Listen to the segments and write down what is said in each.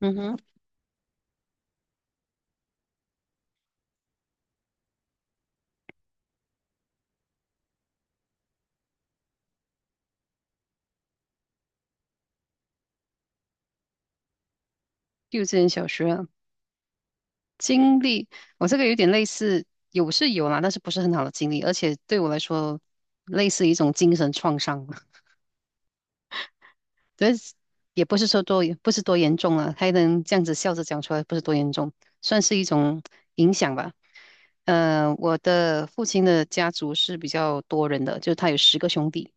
嗯哼，幼稚园、小学啊经历，我这个有点类似，有是有啦，但是不是很好的经历，而且对我来说，类似一种精神创伤吧。但是也不是说多，不是多严重啊，还能这样子笑着讲出来，不是多严重，算是一种影响吧。我的父亲的家族是比较多人的，就是他有10个兄弟。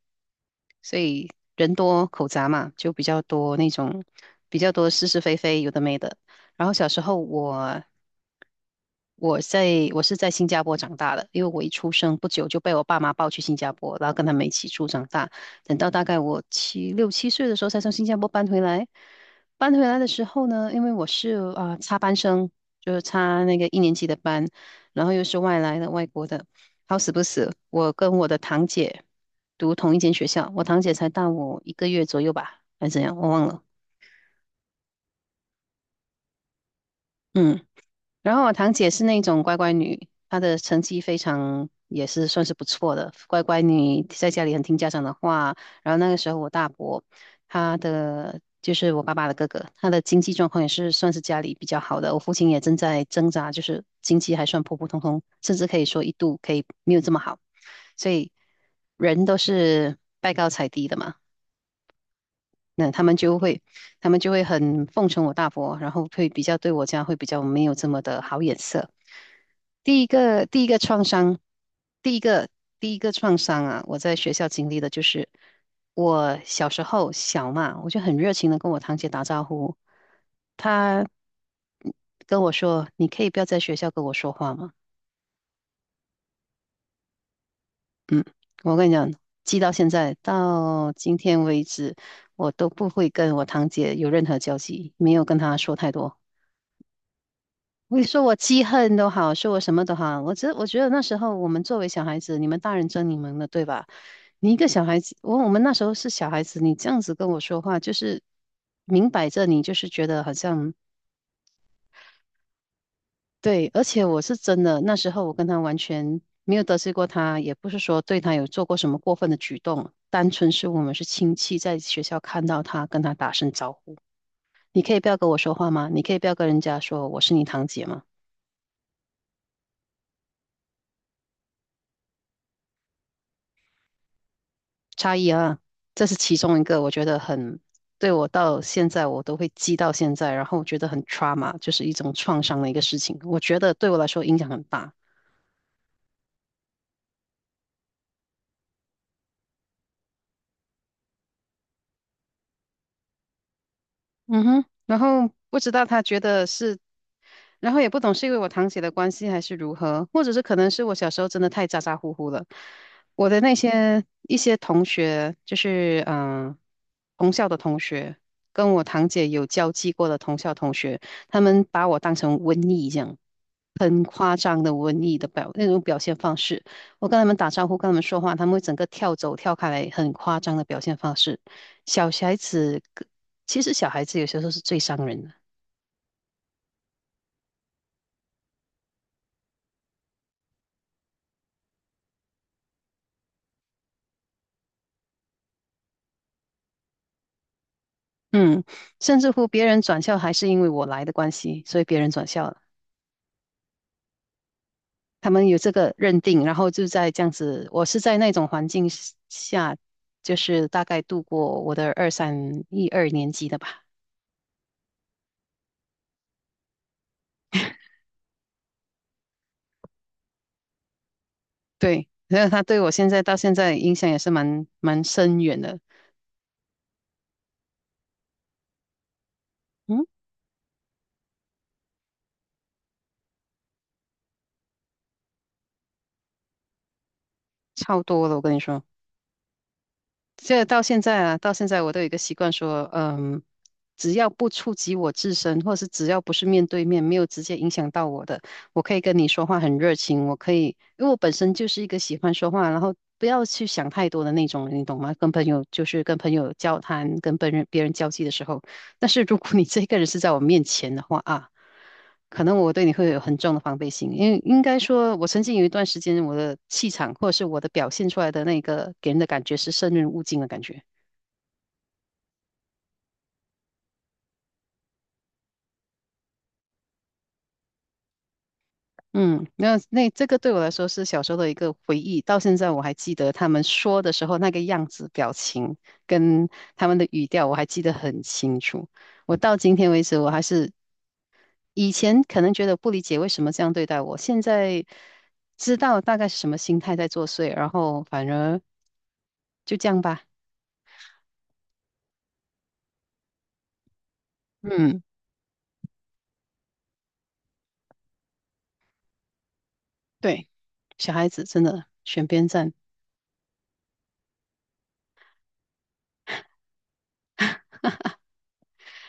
所以人多口杂嘛，就比较多那种比较多是是非非，有的没的。然后小时候我是在新加坡长大的，因为我一出生不久就被我爸妈抱去新加坡，然后跟他们一起住长大。等到大概我六七岁的时候，才从新加坡搬回来。搬回来的时候呢，因为我是插班生，就是插那个一年级的班，然后又是外来的外国的。好死不死，我跟我的堂姐读同一间学校，我堂姐才大我一个月左右吧，还是怎样，我忘了。嗯。然后我堂姐是那种乖乖女，她的成绩非常也是算是不错的，乖乖女在家里很听家长的话。然后那个时候我大伯，他的就是我爸爸的哥哥，他的经济状况也是算是家里比较好的。我父亲也正在挣扎，就是经济还算普普通通，甚至可以说一度可以没有这么好，所以人都是拜高踩低的嘛。他们就会很奉承我大伯，然后会比较对我家会比较没有这么的好眼色。第一个第一个创伤，第一个第一个创伤啊，我在学校经历的就是我小时候小嘛，我就很热情的跟我堂姐打招呼，她跟我说：“你可以不要在学校跟我说话吗？”嗯，我跟你讲，记到现在到今天为止，我都不会跟我堂姐有任何交集，没有跟她说太多。你说我记恨都好，说我什么都好，我觉得那时候我们作为小孩子，你们大人争你们的，对吧？你一个小孩子，我们那时候是小孩子，你这样子跟我说话，就是明摆着你就是觉得好像对。而且我是真的，那时候我跟他完全没有得罪过他，也不是说对他有做过什么过分的举动，单纯是我们是亲戚，在学校看到他，跟他打声招呼。你可以不要跟我说话吗？你可以不要跟人家说我是你堂姐吗？差异啊，这是其中一个，我觉得很，对我到现在我都会记到现在。然后我觉得很 trauma，就是一种创伤的一个事情，我觉得对我来说影响很大。嗯哼，然后不知道他觉得是，然后也不懂是因为我堂姐的关系还是如何，或者是可能是我小时候真的太咋咋呼呼了。我的那些一些同学，就是同校的同学，跟我堂姐有交际过的同校同学，他们把我当成瘟疫这样，很夸张的瘟疫的表那种表现方式。我跟他们打招呼，跟他们说话，他们会整个跳走跳开来，很夸张的表现方式。小孩子。其实小孩子有些时候是最伤人的。嗯，甚至乎别人转校还是因为我来的关系，所以别人转校了，他们有这个认定，然后就在这样子，我是在那种环境下，就是大概度过我的一二年级的吧。对，然后他对我现在到现在影响也是蛮深远的。嗯，超多了，我跟你说。这到现在啊，到现在我都有一个习惯说，嗯，只要不触及我自身，或是只要不是面对面，没有直接影响到我的，我可以跟你说话很热情，我可以，因为我本身就是一个喜欢说话，然后不要去想太多的那种人，你懂吗？跟朋友就是跟朋友交谈，跟别人交际的时候。但是如果你这个人是在我面前的话啊，可能我对你会有很重的防备心。因为应该说，我曾经有一段时间，我的气场或者是我的表现出来的那个给人的感觉是生人勿近的感觉。嗯，那这个对我来说是小时候的一个回忆。到现在我还记得他们说的时候那个样子、表情跟他们的语调，我还记得很清楚。我到今天为止，我还是以前可能觉得不理解为什么这样对待我，现在知道大概是什么心态在作祟，然后反而就这样吧。嗯。对，小孩子真的选边站。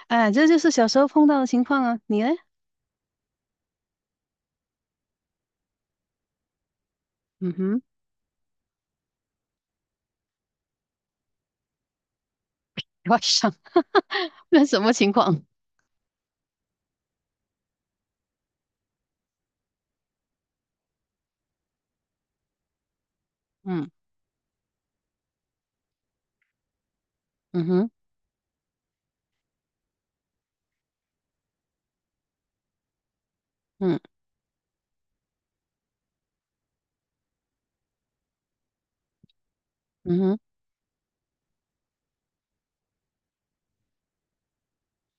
哎，这就是小时候碰到的情况啊。你呢？嗯哼，外伤，那什么情况？嗯嗯哼，嗯嗯哼，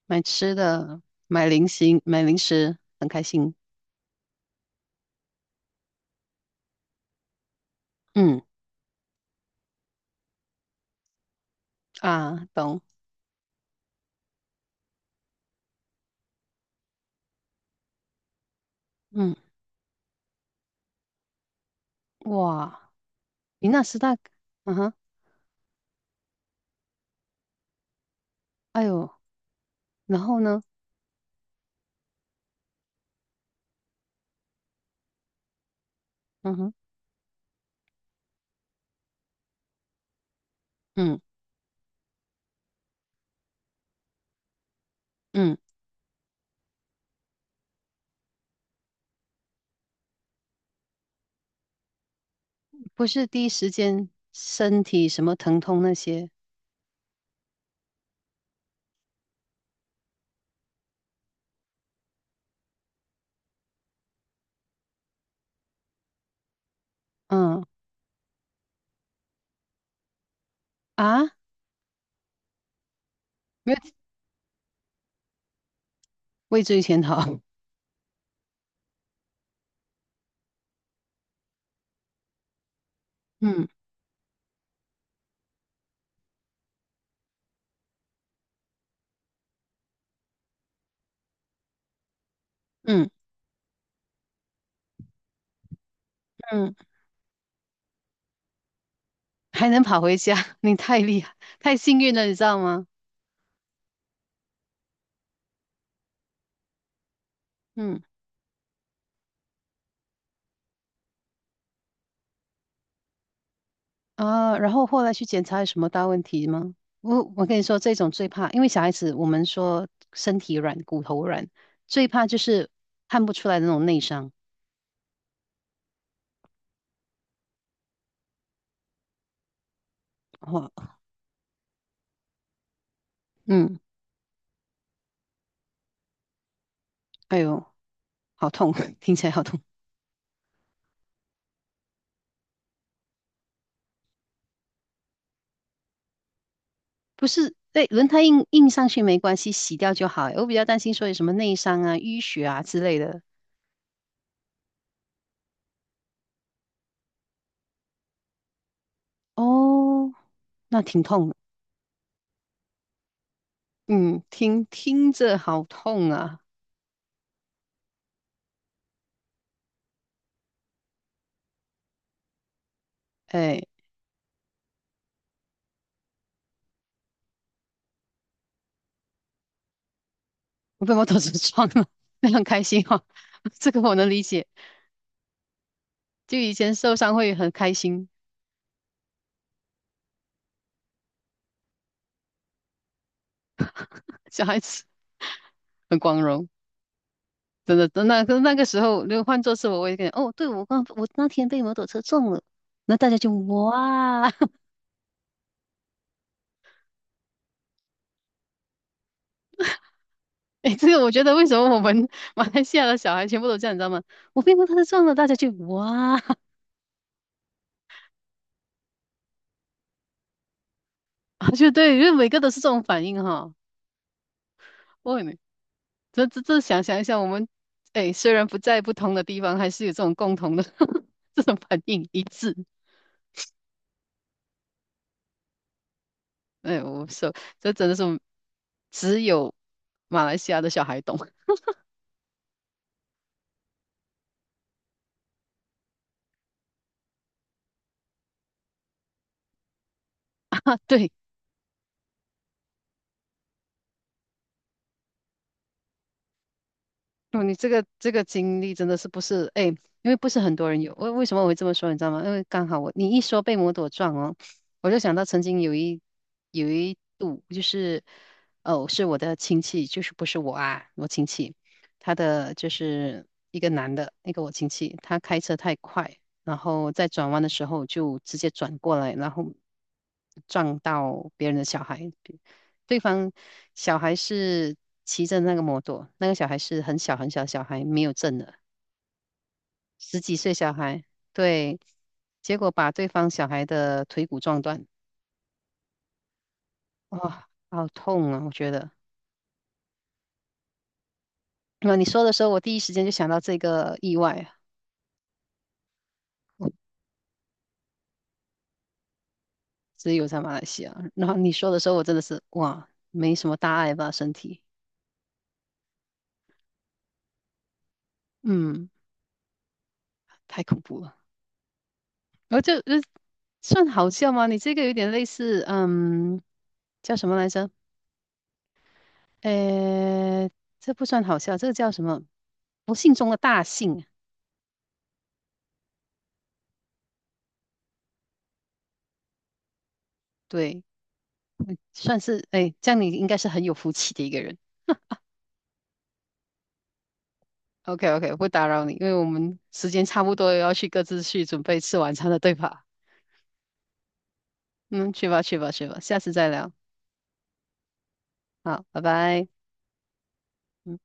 买吃的，买零食，买零食，很开心。嗯，啊，懂。嗯，哇，你那时大，嗯哼，哎呦，然后呢？嗯哼，嗯嗯，不是第一时间身体什么疼痛那些，嗯，啊，没有畏罪潜逃。嗯嗯嗯 还能跑回家，你太厉害，太幸运了，你知道吗？嗯，啊，然后后来去检查有什么大问题吗？我跟你说，这种最怕，因为小孩子我们说身体软、骨头软，最怕就是看不出来的那种内伤。哇，嗯，哎呦，好痛，听起来好痛。不是，对，轮胎印印上去没关系，洗掉就好。我比较担心说有什么内伤啊、淤血啊之类的。哦，那挺痛的。嗯，听听着好痛啊。哎，我被摩托车撞了，非常开心哈，这个我能理解。就以前受伤会很开心，小孩子很光荣，真的。那个时候，如果换作是我，我也感觉哦，对我刚我那天被摩托车撞了，那大家就哇，诶，这个我觉得为什么我们马来西亚的小孩全部都这样，你知道吗？我被摩托车撞了，大家就哇，就对，因为每个都是这种反应哈。我也没这这这想想一下，我们哎，虽然不在不同的地方，还是有这种共同的 这种反应一致。哎，我说这真的是只有马来西亚的小孩懂。对。哦，你这个这个经历真的是不是哎，因为不是很多人有。为什么我会这么说，你知道吗？因为刚好我你一说被摩托撞哦，我就想到曾经有一度就是哦，是我的亲戚，就是不是我啊，我亲戚，他的就是一个男的，那个我亲戚，他开车太快，然后在转弯的时候就直接转过来，然后撞到别人的小孩。对方小孩是骑着那个摩托，那个小孩是很小很小的小孩，没有证的，十几岁小孩，对，结果把对方小孩的腿骨撞断。哇，好痛啊。我觉得，那你说的时候，我第一时间就想到这个意外啊。我只有在马来西亚。然后你说的时候，我真的是哇，没什么大碍吧，身体，嗯，太恐怖了。然后算好笑吗？你这个有点类似，嗯，叫什么来着？呃，这不算好笑，这个叫什么？不幸中的大幸啊，对，算是，哎，这样你应该是很有福气的一个人。OK OK，不打扰你，因为我们时间差不多，要去各自去准备吃晚餐了，对吧？嗯，去吧去吧去吧，下次再聊。好，拜拜。嗯。